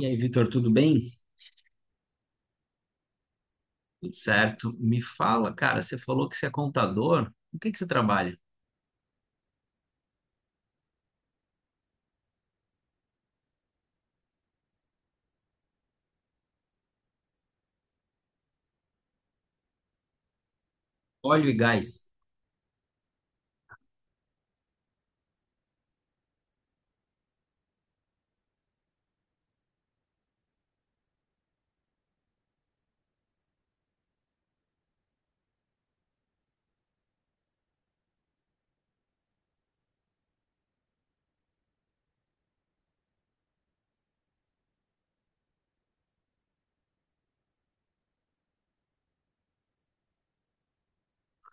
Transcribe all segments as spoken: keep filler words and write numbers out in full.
E aí, Vitor, tudo bem? Tudo certo. Me fala, cara, você falou que você é contador. O que que você trabalha? Óleo e gás.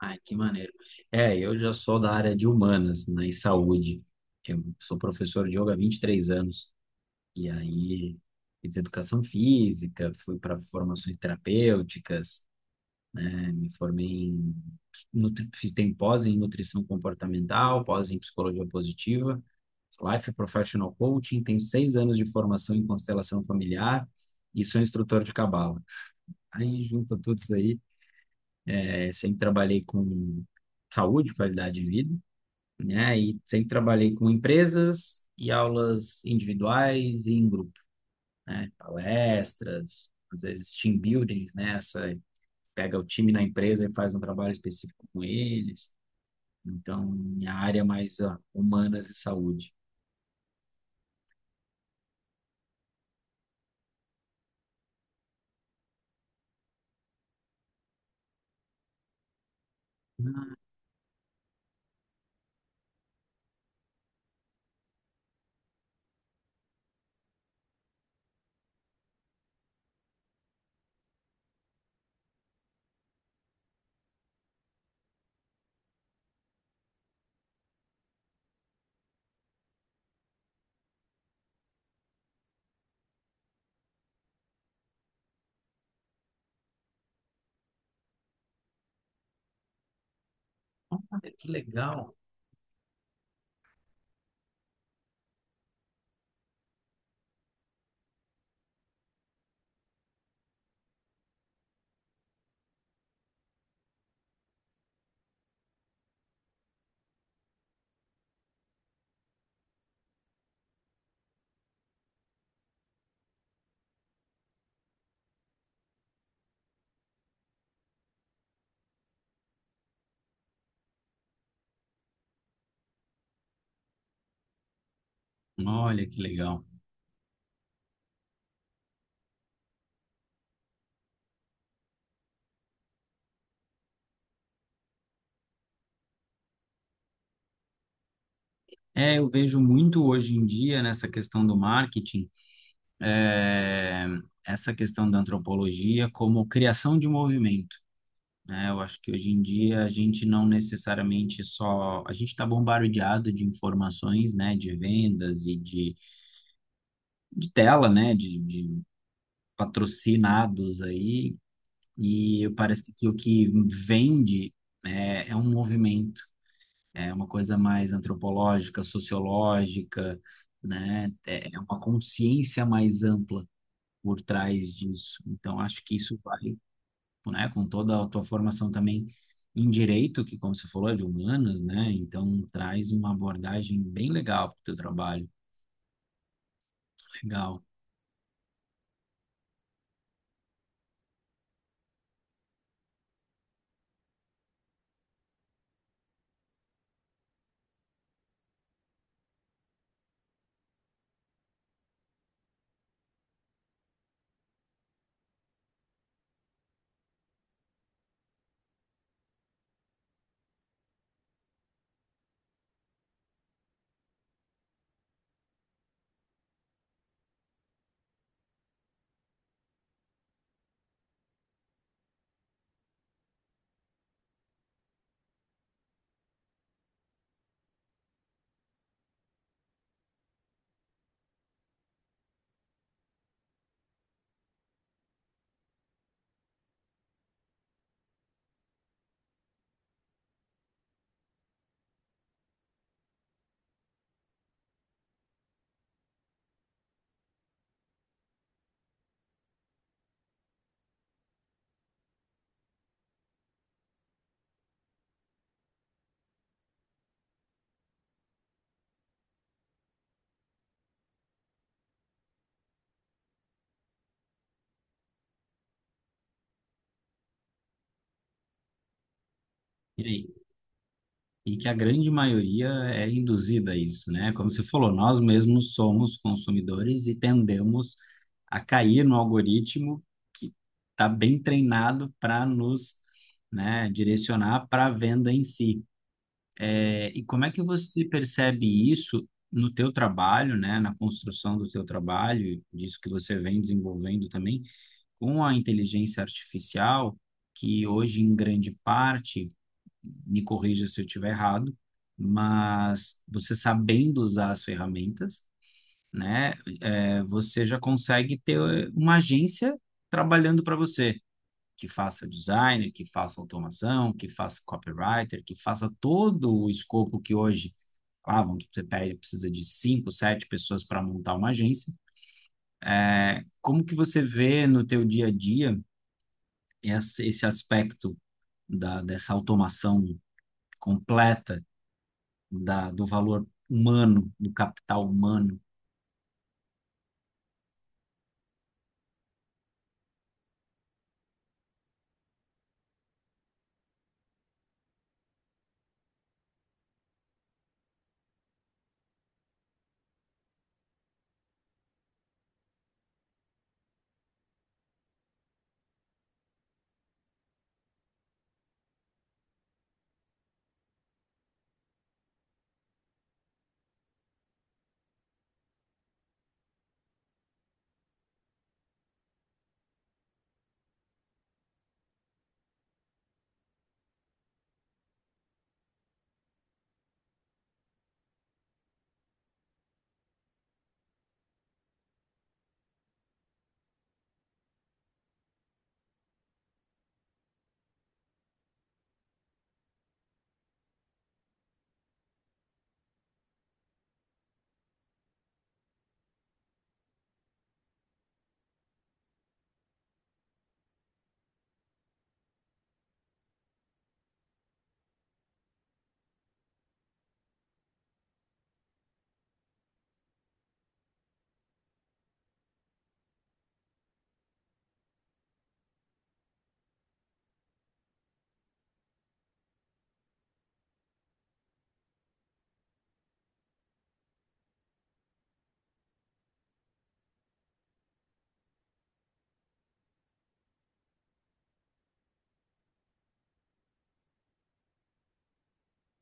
Ai, que maneiro. É, eu já sou da área de humanas, né, e saúde. Eu sou professor de yoga há vinte e três anos. E aí, fiz educação física, fui para formações terapêuticas, me formei em, nutri- fiz- tem pós em nutrição comportamental, pós em psicologia positiva, Life Professional Coaching, tenho seis anos de formação em constelação familiar e sou instrutor de cabala. Aí junto tudo isso aí, é, sempre trabalhei com saúde, qualidade de vida, né? E sempre trabalhei com empresas e aulas individuais e em grupo, né? Palestras, às vezes team buildings, né? Essa pega o time na empresa e faz um trabalho específico com eles. Então, minha área é mais ó, humanas e saúde. Ah, olha que legal. Olha que legal. É, eu vejo muito hoje em dia nessa questão do marketing, eh, essa questão da antropologia como criação de movimento. Né? Eu acho que hoje em dia a gente não necessariamente só. A gente está bombardeado de informações, né, de vendas e de, de tela, né, de, de patrocinados aí. E parece que o que vende é, é um movimento, é uma coisa mais antropológica, sociológica, né? É é uma consciência mais ampla por trás disso. Então, acho que isso vai, né, com toda a tua formação também em direito, que, como você falou, é de humanas, né? Então, traz uma abordagem bem legal para o teu trabalho. Legal. E aí? E que a grande maioria é induzida a isso, né? Como você falou, nós mesmos somos consumidores e tendemos a cair no algoritmo que está bem treinado para nos, né, direcionar para a venda em si. É, e como é que você percebe isso no teu trabalho, né, na construção do teu trabalho, disso que você vem desenvolvendo também, com a inteligência artificial, que hoje em grande parte me corrija se eu estiver errado, mas você sabendo usar as ferramentas, né, é, você já consegue ter uma agência trabalhando para você, que faça design, que faça automação, que faça copywriter, que faça todo o escopo que hoje, ah, vamos, você pede- precisa de cinco, sete pessoas para montar uma agência. É, como que você vê no teu dia a dia esse esse aspecto da, dessa automação completa da, do valor humano, do capital humano.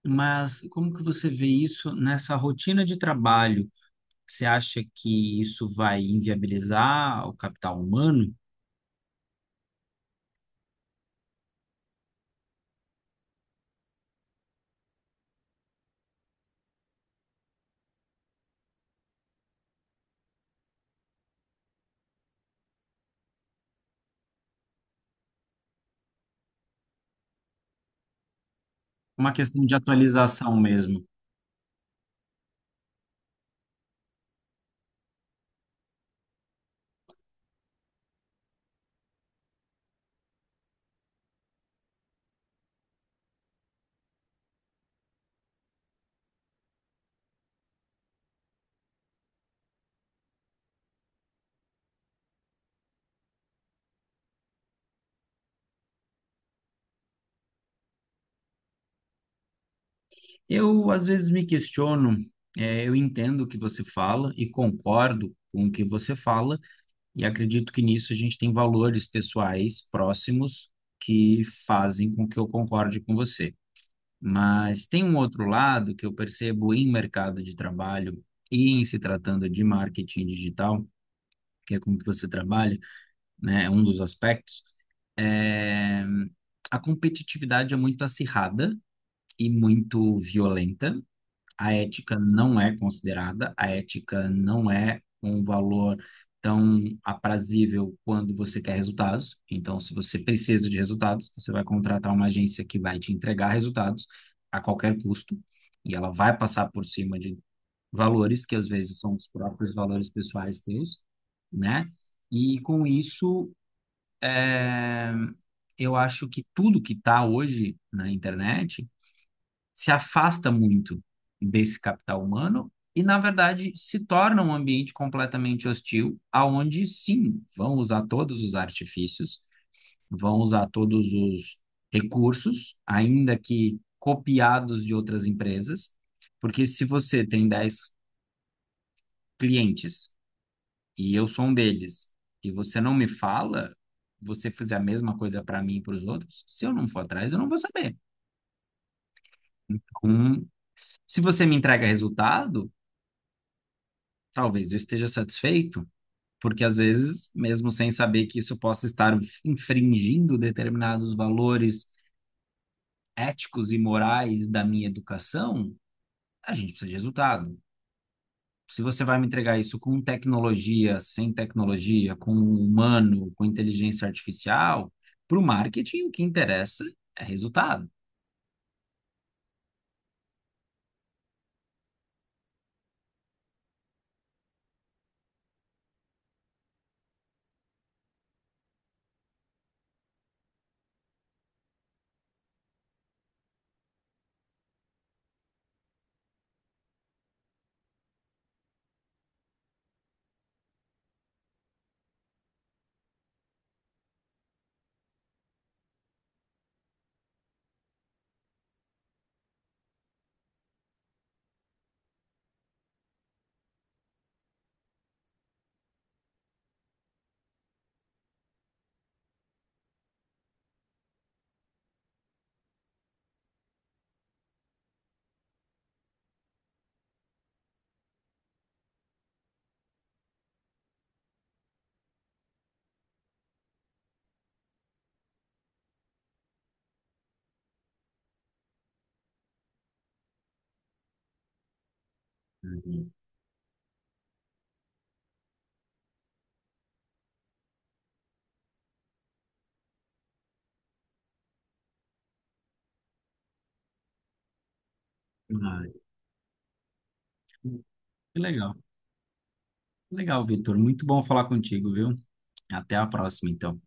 Mas como que você vê isso nessa rotina de trabalho? Você acha que isso vai inviabilizar o capital humano? É uma questão de atualização mesmo. Eu, às vezes, me questiono, é, eu entendo o que você fala e concordo com o que você fala, e acredito que nisso a gente tem valores pessoais próximos que fazem com que eu concorde com você. Mas tem um outro lado que eu percebo em mercado de trabalho e em se tratando de marketing digital, que é como que você trabalha, né? É um dos aspectos. eh, A competitividade é muito acirrada e muito violenta. A ética não é considerada, a ética não é um valor tão aprazível quando você quer resultados. Então, se você precisa de resultados, você vai contratar uma agência que vai te entregar resultados a qualquer custo, e ela vai passar por cima de valores que às vezes são os próprios valores pessoais teus, né? E com isso, eh, eu acho que tudo que está hoje na internet se afasta muito desse capital humano e, na verdade, se torna um ambiente completamente hostil, aonde sim, vão usar todos os artifícios, vão usar todos os recursos, ainda que copiados de outras empresas, porque se você tem dez clientes e eu sou um deles, e você não me fala, você fizer a mesma coisa para mim e para os outros, se eu não for atrás, eu não vou saber. Então, se você me entrega resultado, talvez eu esteja satisfeito, porque às vezes, mesmo sem saber que isso possa estar infringindo determinados valores éticos e morais da minha educação, a gente precisa de resultado. Se você vai me entregar isso com tecnologia, sem tecnologia, com um humano, com inteligência artificial, para o marketing o que interessa é resultado. Uhum. Ah, que legal. Legal, Vitor. Muito bom falar contigo, viu? Até a próxima, então.